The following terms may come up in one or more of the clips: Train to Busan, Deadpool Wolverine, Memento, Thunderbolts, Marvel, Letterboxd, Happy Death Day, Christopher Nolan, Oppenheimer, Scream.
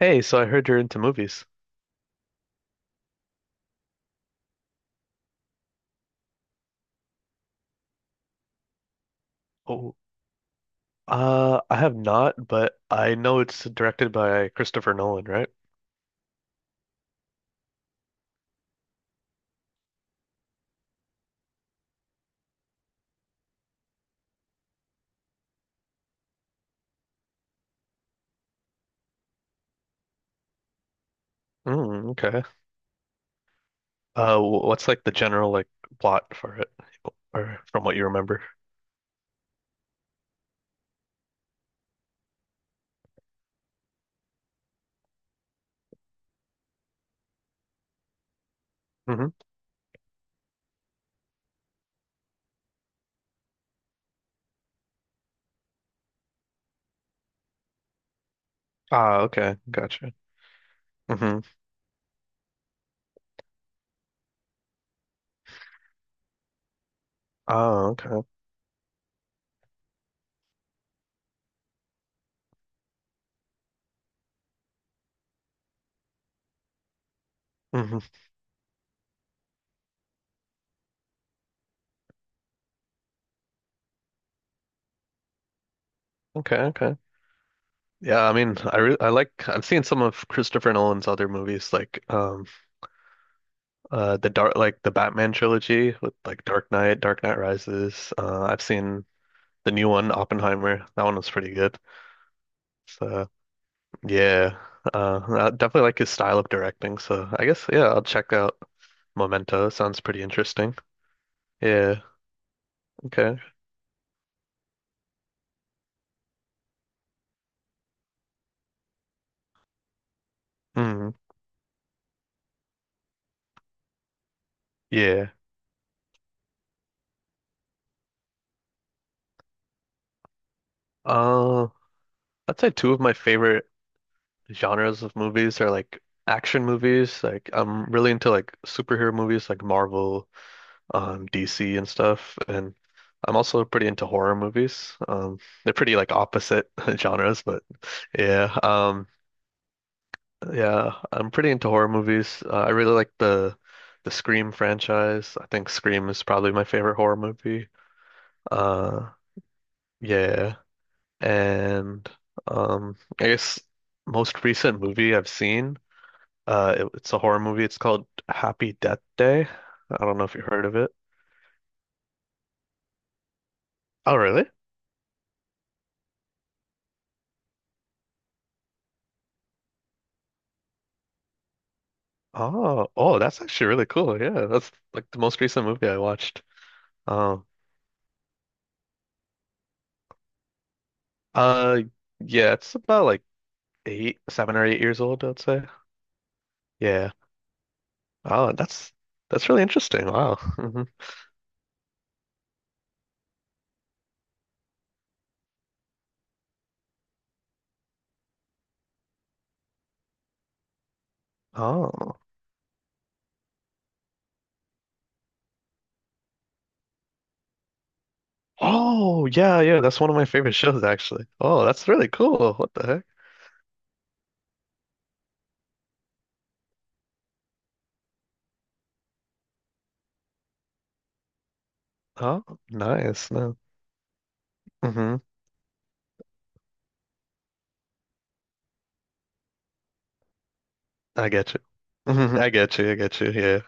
Hey, so I heard you're into movies. Oh, I have not, but I know it's directed by Christopher Nolan, right? Mm, okay. What's like the general like plot for it, or from what you remember? Hmm Ah, okay, gotcha. Hmm Oh, okay. hmm Okay, okay. Yeah, I mean, I like I've seen some of Christopher Nolan's other movies, like the Batman trilogy with like Dark Knight, Dark Knight Rises. I've seen the new one, Oppenheimer. That one was pretty good. So yeah, I definitely like his style of directing. So I guess yeah, I'll check out Memento. Sounds pretty interesting. Yeah. Okay. Mm, yeah. Uh, I'd say two of my favorite genres of movies are like action movies. Like I'm really into like superhero movies, like Marvel, DC and stuff. And I'm also pretty into horror movies. They're pretty like opposite genres, but yeah. Yeah, I'm pretty into horror movies. I really like the Scream franchise. I think Scream is probably my favorite horror movie. Uh, yeah, and I guess most recent movie I've seen, it's a horror movie. It's called Happy Death Day. I don't know if you heard of it. Oh, really? Oh, oh, that's actually really cool. Yeah, that's like the most recent movie I watched. Um, uh, yeah, it's about like eight, 7 or 8 years old, I'd say. Yeah. Oh, that's really interesting. Wow. hmm Oh. Oh, yeah, yeah. That's one of my favorite shows, actually. Oh, that's really cool. What the heck? Oh, nice. No. hmm I get you. Hmm I get you. I get you. Yeah.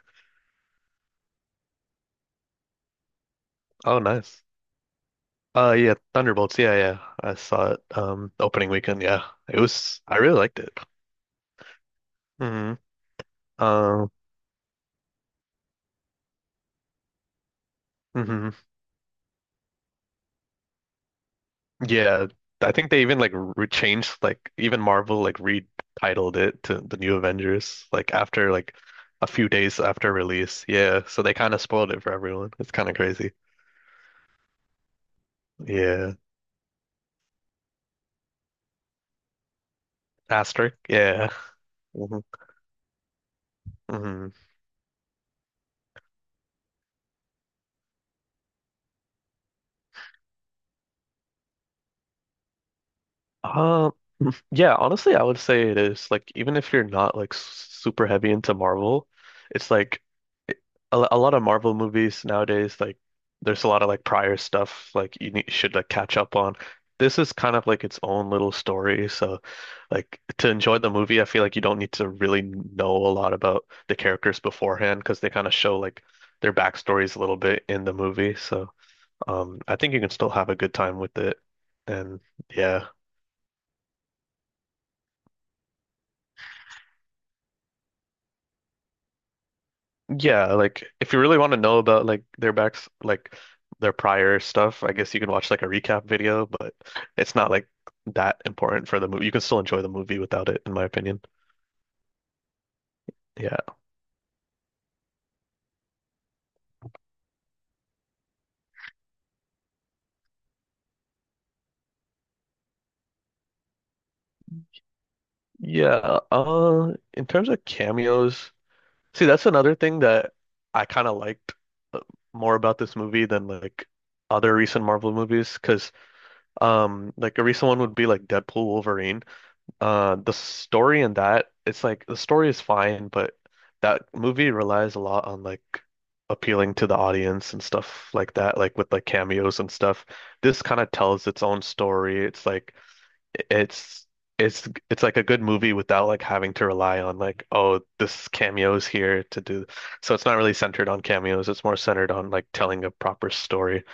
Oh, nice. Yeah. Thunderbolts. Yeah, yeah. I saw it. Opening weekend. Yeah. It was. I really liked it. Mm-hmm. Um. Mhm. Yeah, I think they even like re changed like even Marvel like retitled it to the New Avengers like after like a few days after release. Yeah, so they kind of spoiled it for everyone. It's kind of crazy. Yeah, asterisk. Yeah. hmm hmm Uh, yeah, honestly, I would say it is. Like, even if you're not like super heavy into Marvel, it's like it, a, lo- a lot of Marvel movies nowadays, like there's a lot of like prior stuff like you need, should like catch up on. This is kind of like its own little story, so like to enjoy the movie, I feel like you don't need to really know a lot about the characters beforehand because they kind of show like their backstories a little bit in the movie. So, I think you can still have a good time with it. And yeah. Yeah, like if you really want to know about like their prior stuff, I guess you can watch like a recap video, but it's not like that important for the movie. You can still enjoy the movie without it, in my opinion. Yeah. Yeah. In terms of cameos, see, that's another thing that I kind of liked uh, more about this movie than like other recent Marvel movies, because like a recent one would be like Deadpool Wolverine. The story in that, it's like the story is fine, but that movie relies a lot on like appealing to the audience and stuff like that, like with like cameos and stuff. This kind of tells its own story. It's it's like a good movie without like having to rely on like, oh, this cameo's here to do. So it's not really centered on cameos. It's more centered on like telling a proper story.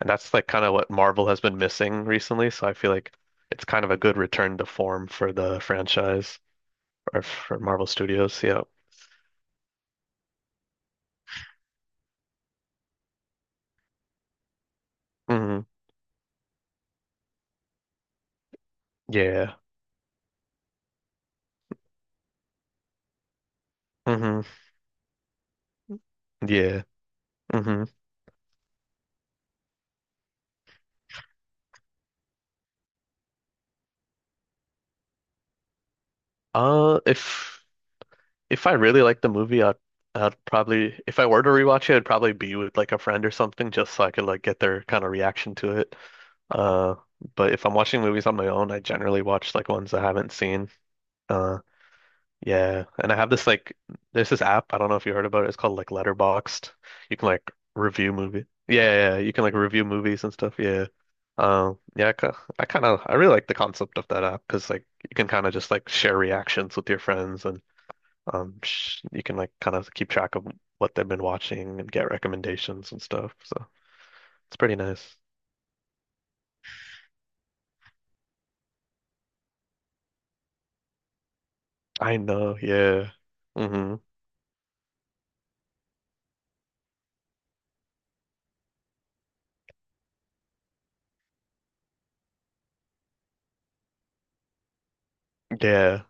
And that's like kind of what Marvel has been missing recently. So I feel like it's kind of a good return to form for the franchise or for Marvel Studios. Yeah. hmm Yeah. hmm Yeah. hmm If if I really like the movie, I'd probably if I were to rewatch it, it'd probably be with like a friend or something, just so I could like get their kind of reaction to it. Uh, but if I'm watching movies on my own, I generally watch like ones I haven't seen. Uh, Yeah, and I have this like there's this app, I don't know if you heard about it. It's called like Letterboxd. You can like review movie. Yeah, yeah, yeah, you can like review movies and stuff. Yeah. Um, yeah, I, ki- I kind of I really like the concept of that app because like you can kind of just like share reactions with your friends and sh you can like kind of keep track of what they've been watching and get recommendations and stuff. So, it's pretty nice. I know, yeah. hmm Yeah.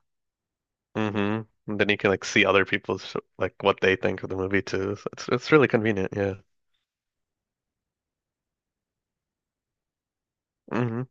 Mm-hmm. And then you can like see other people's like what they think of the movie too. So it's really convenient, yeah. hmm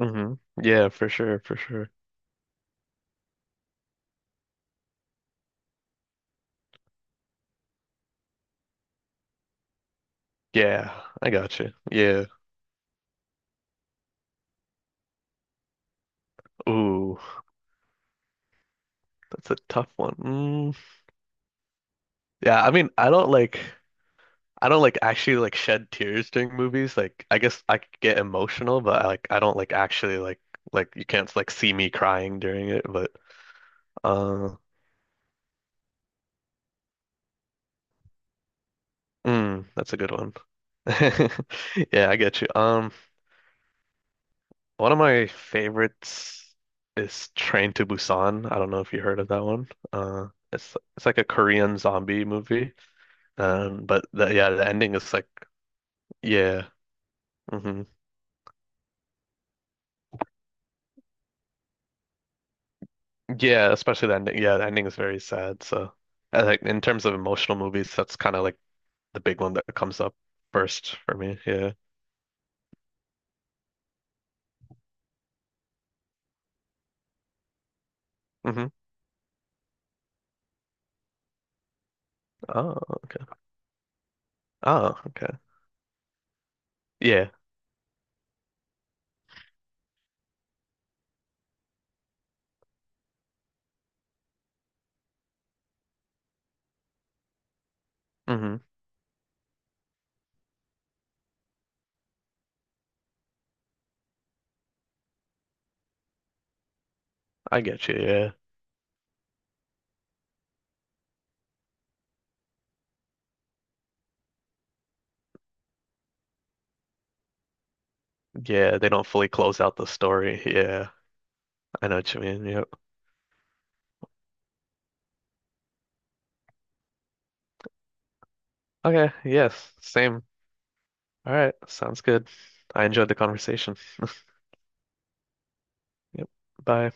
hmm Yeah, for sure, for sure. Yeah, I got you. Yeah. Ooh, that's a tough one. Mm. Yeah, I mean, I don't like actually like shed tears during movies. Like I guess I could get emotional, but I don't like actually like you can't like see me crying during it, but uh mm, that's a good one. Yeah, I get you. One of my favorites is Train to Busan. I don't know if you heard of that one. It's like a Korean zombie movie. Yeah, the ending is like yeah, hmm yeah, especially the ending. Yeah, the ending is very sad. So, I like in terms of emotional movies, that's kind of like the big one that comes up first for me. Yeah. hmm Oh, okay. Oh, okay. Yeah. hmm I get you. Yeah. Yeah. They don't fully close out the story. Yeah. I know what you mean. Yep. Okay, yes, same. All right, sounds good. I enjoyed the conversation. Yep. Bye.